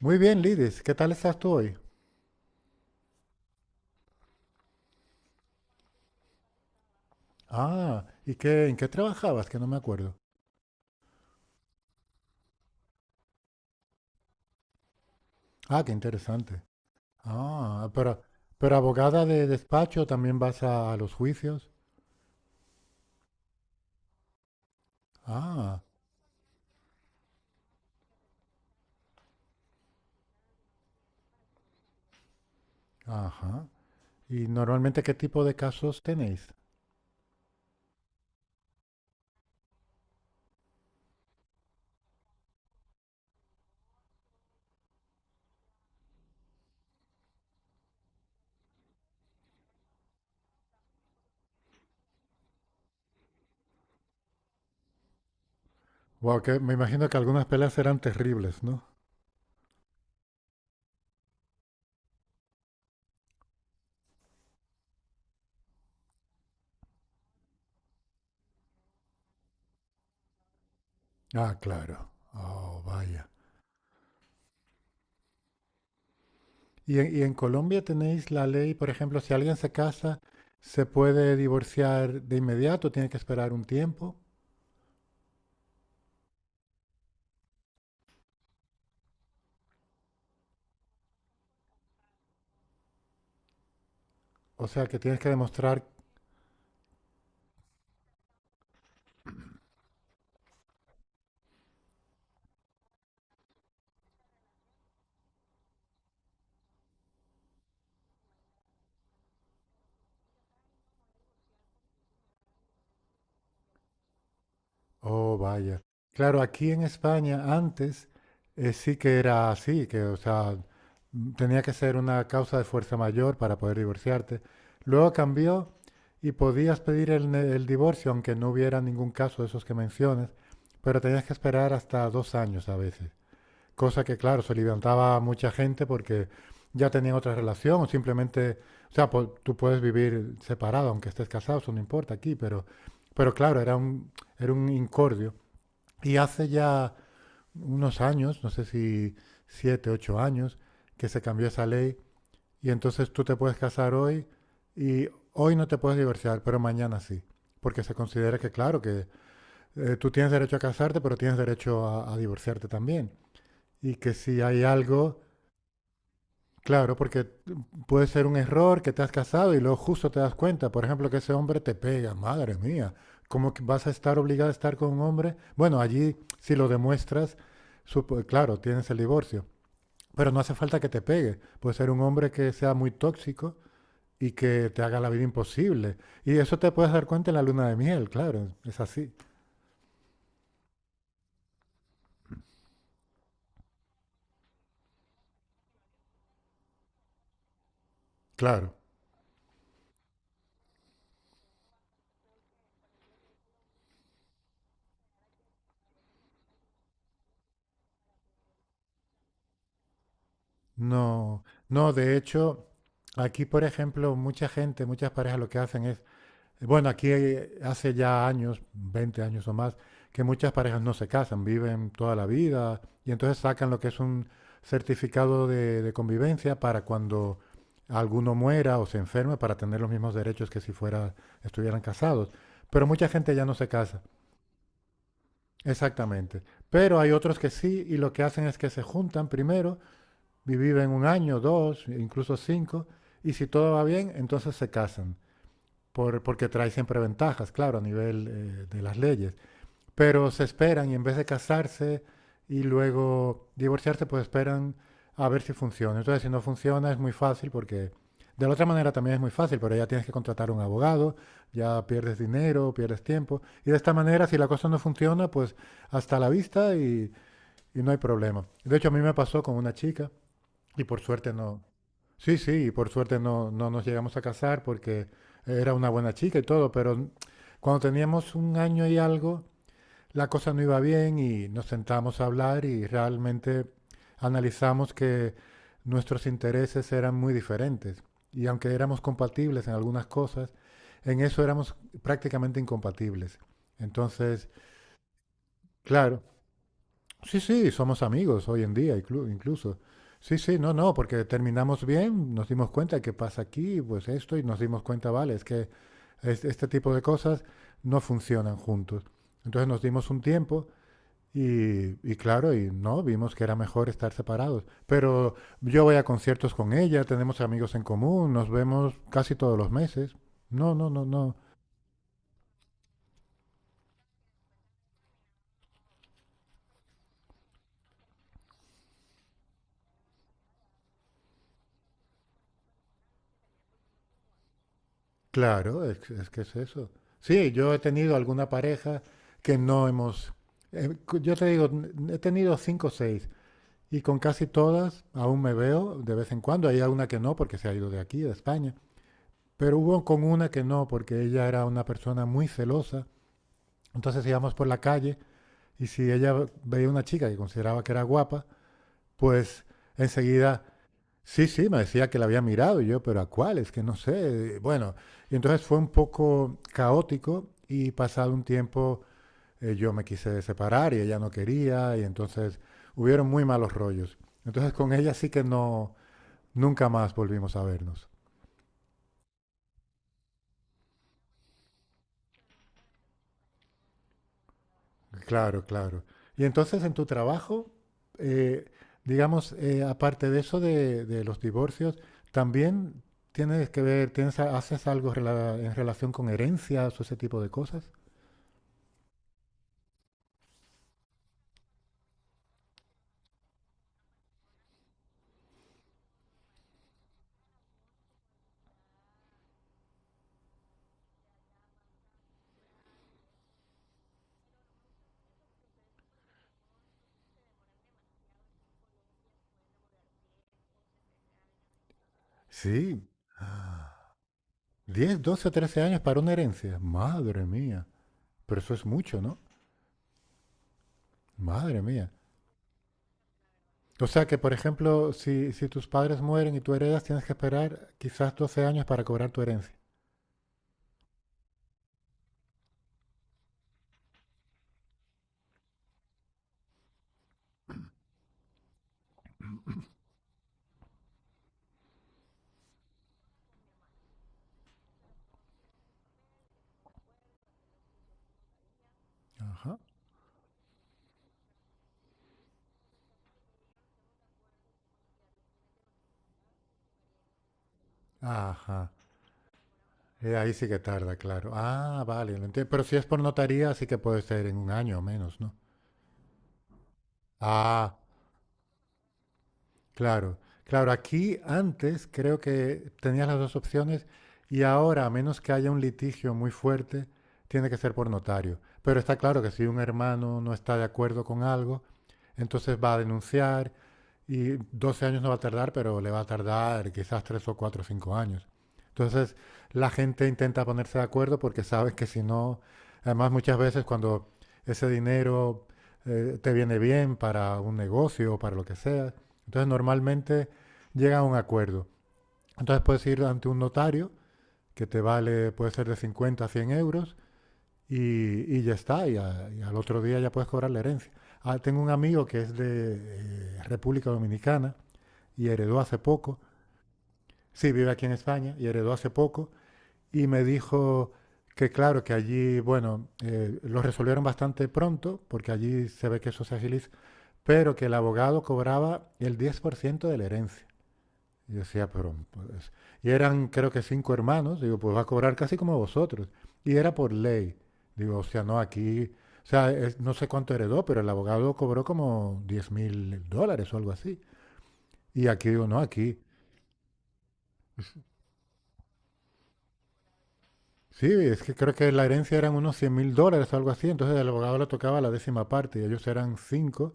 Muy bien, Lidis, ¿qué tal estás tú hoy? Ah, ¿y qué, en qué trabajabas? Que no me acuerdo. Ah, qué interesante. Ah, pero abogada de despacho también vas a los juicios. Ah, ajá. ¿Y normalmente qué tipo de casos tenéis? Wow, que me imagino que algunas peleas serán terribles, ¿no? Ah, claro. Oh, vaya. ¿Y en Colombia tenéis la ley, por ejemplo, si alguien se casa, se puede divorciar de inmediato, ¿tiene que esperar un tiempo? O sea, que tienes que demostrar. Oh, vaya. Claro, aquí en España antes sí que era así, que, o sea, tenía que ser una causa de fuerza mayor para poder divorciarte. Luego cambió y podías pedir el, el divorcio, aunque no hubiera ningún caso de esos que mencionas, pero tenías que esperar hasta dos años a veces. Cosa que, claro, se levantaba mucha gente porque ya tenían otra relación o simplemente, o sea, tú puedes vivir separado, aunque estés casado, eso no importa aquí, pero claro, era un incordio. Y hace ya unos años, no sé si siete, ocho años, que se cambió esa ley y entonces tú te puedes casar hoy y hoy no te puedes divorciar, pero mañana sí. Porque se considera que, claro, que tú tienes derecho a casarte, pero tienes derecho a divorciarte también. Y que si hay algo. Claro, porque puede ser un error que te has casado y luego justo te das cuenta, por ejemplo, que ese hombre te pega, madre mía, ¿cómo que vas a estar obligada a estar con un hombre? Bueno, allí si lo demuestras, claro, tienes el divorcio, pero no hace falta que te pegue, puede ser un hombre que sea muy tóxico y que te haga la vida imposible. Y eso te puedes dar cuenta en la luna de miel, claro, es así, claro. No, no, de hecho, aquí, por ejemplo, mucha gente, muchas parejas lo que hacen es... Bueno, aquí hace ya años, 20 años o más, que muchas parejas no se casan, viven toda la vida y entonces sacan lo que es un certificado de convivencia para cuando alguno muera o se enferme para tener los mismos derechos que si fuera, estuvieran casados. Pero mucha gente ya no se casa, exactamente. Pero hay otros que sí y lo que hacen es que se juntan primero, viven un año, dos, incluso cinco, y si todo va bien, entonces se casan porque trae siempre ventajas, claro, a nivel de las leyes. Pero se esperan y en vez de casarse y luego divorciarse, pues esperan a ver si funciona. Entonces, si no funciona, es muy fácil porque de la otra manera también es muy fácil, pero ya tienes que contratar un abogado, ya pierdes dinero, pierdes tiempo. Y de esta manera, si la cosa no funciona, pues hasta la vista y no hay problema. De hecho, a mí me pasó con una chica y por suerte no... Sí, sí, por suerte no, no nos llegamos a casar porque era una buena chica y todo, pero cuando teníamos un año y algo, la cosa no iba bien y nos sentamos a hablar y realmente analizamos que nuestros intereses eran muy diferentes. Y aunque éramos compatibles en algunas cosas, en eso éramos prácticamente incompatibles. Entonces, claro. Sí, sí, somos amigos hoy en día incluso. Sí, sí, no, no, porque terminamos bien, nos dimos cuenta que pasa aquí, pues esto, y nos dimos cuenta, vale, es que este tipo de cosas no funcionan juntos. Entonces nos dimos un tiempo y claro, y no, vimos que era mejor estar separados. Pero yo voy a conciertos con ella, tenemos amigos en común, nos vemos casi todos los meses. No, no, no, no. Claro, es, que es que es eso. Sí, yo he tenido alguna pareja que no hemos... yo te digo, he tenido cinco o seis y con casi todas aún me veo de vez en cuando. Hay alguna que no porque se ha ido de aquí, de España. Pero hubo con una que no porque ella era una persona muy celosa. Entonces íbamos por la calle y si ella veía una chica que consideraba que era guapa, pues enseguida... Sí, sí, me decía que la había mirado y yo, pero ¿a cuál? Es que no sé. Bueno, y entonces fue un poco caótico y pasado un tiempo yo me quise separar y ella no quería y entonces hubieron muy malos rollos. Entonces con ella sí que no, nunca más volvimos a vernos. Claro, claro. Y entonces en tu trabajo, eh, digamos, aparte de eso de los divorcios, también tienes que ver, tienes, ¿haces algo en relación con herencias o ese tipo de cosas? Sí, 10, 12 o 13 años para una herencia. Madre mía. Pero eso es mucho, ¿no? Madre mía. O sea que, por ejemplo, si, si tus padres mueren y tú heredas, tienes que esperar quizás 12 años para cobrar tu herencia. Ajá. Ajá. Ahí sí que tarda, claro. Ah, vale, lo entiendo. Pero si es por notaría, sí que puede ser en un año o menos, ¿no? Ah, claro, claro, aquí antes creo que tenías las dos opciones y ahora, a menos que haya un litigio muy fuerte, tiene que ser por notario. Pero está claro que si un hermano no está de acuerdo con algo, entonces va a denunciar y 12 años no va a tardar, pero le va a tardar quizás 3 o 4 o 5 años. Entonces la gente intenta ponerse de acuerdo porque sabes que si no, además muchas veces cuando ese dinero te viene bien para un negocio o para lo que sea, entonces normalmente llega a un acuerdo. Entonces puedes ir ante un notario que te vale, puede ser de 50 a 100 euros y ya está, y, y al otro día ya puedes cobrar la herencia. Ah, tengo un amigo que es de República Dominicana y heredó hace poco, sí, vive aquí en España y heredó hace poco y me dijo que claro, que allí, bueno, lo resolvieron bastante pronto porque allí se ve que eso se agiliza, pero que el abogado cobraba el 10% de la herencia. Y yo decía, pero... pues, y eran, creo que cinco hermanos. Digo, pues va a cobrar casi como vosotros. Y era por ley. Digo, o sea, no aquí... O sea, no sé cuánto heredó, pero el abogado cobró como 10 mil dólares o algo así. Y aquí digo, no, aquí. Sí, es que creo que la herencia eran unos 100 mil dólares o algo así. Entonces al abogado le tocaba la décima parte y ellos eran cinco.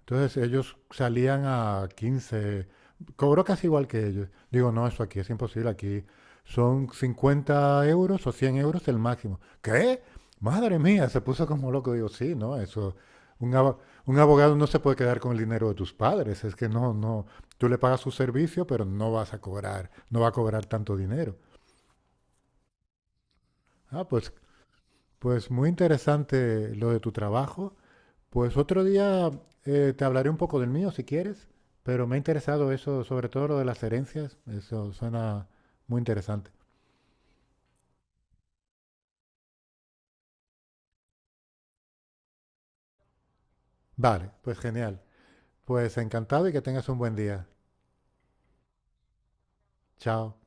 Entonces ellos salían a 15, cobró casi igual que ellos. Digo, no, eso aquí es imposible, aquí son 50 euros o 100 euros el máximo. ¿Qué? Madre mía, se puso como loco. Digo, sí, no, eso, un, abo- un abogado no se puede quedar con el dinero de tus padres, es que no, no, tú le pagas su servicio, pero no vas a cobrar, no va a cobrar tanto dinero. Ah, pues, pues muy interesante lo de tu trabajo. Pues otro día te hablaré un poco del mío si quieres, pero me ha interesado eso, sobre todo lo de las herencias, eso suena muy interesante. Vale, pues genial. Pues encantado y que tengas un buen día. Chao.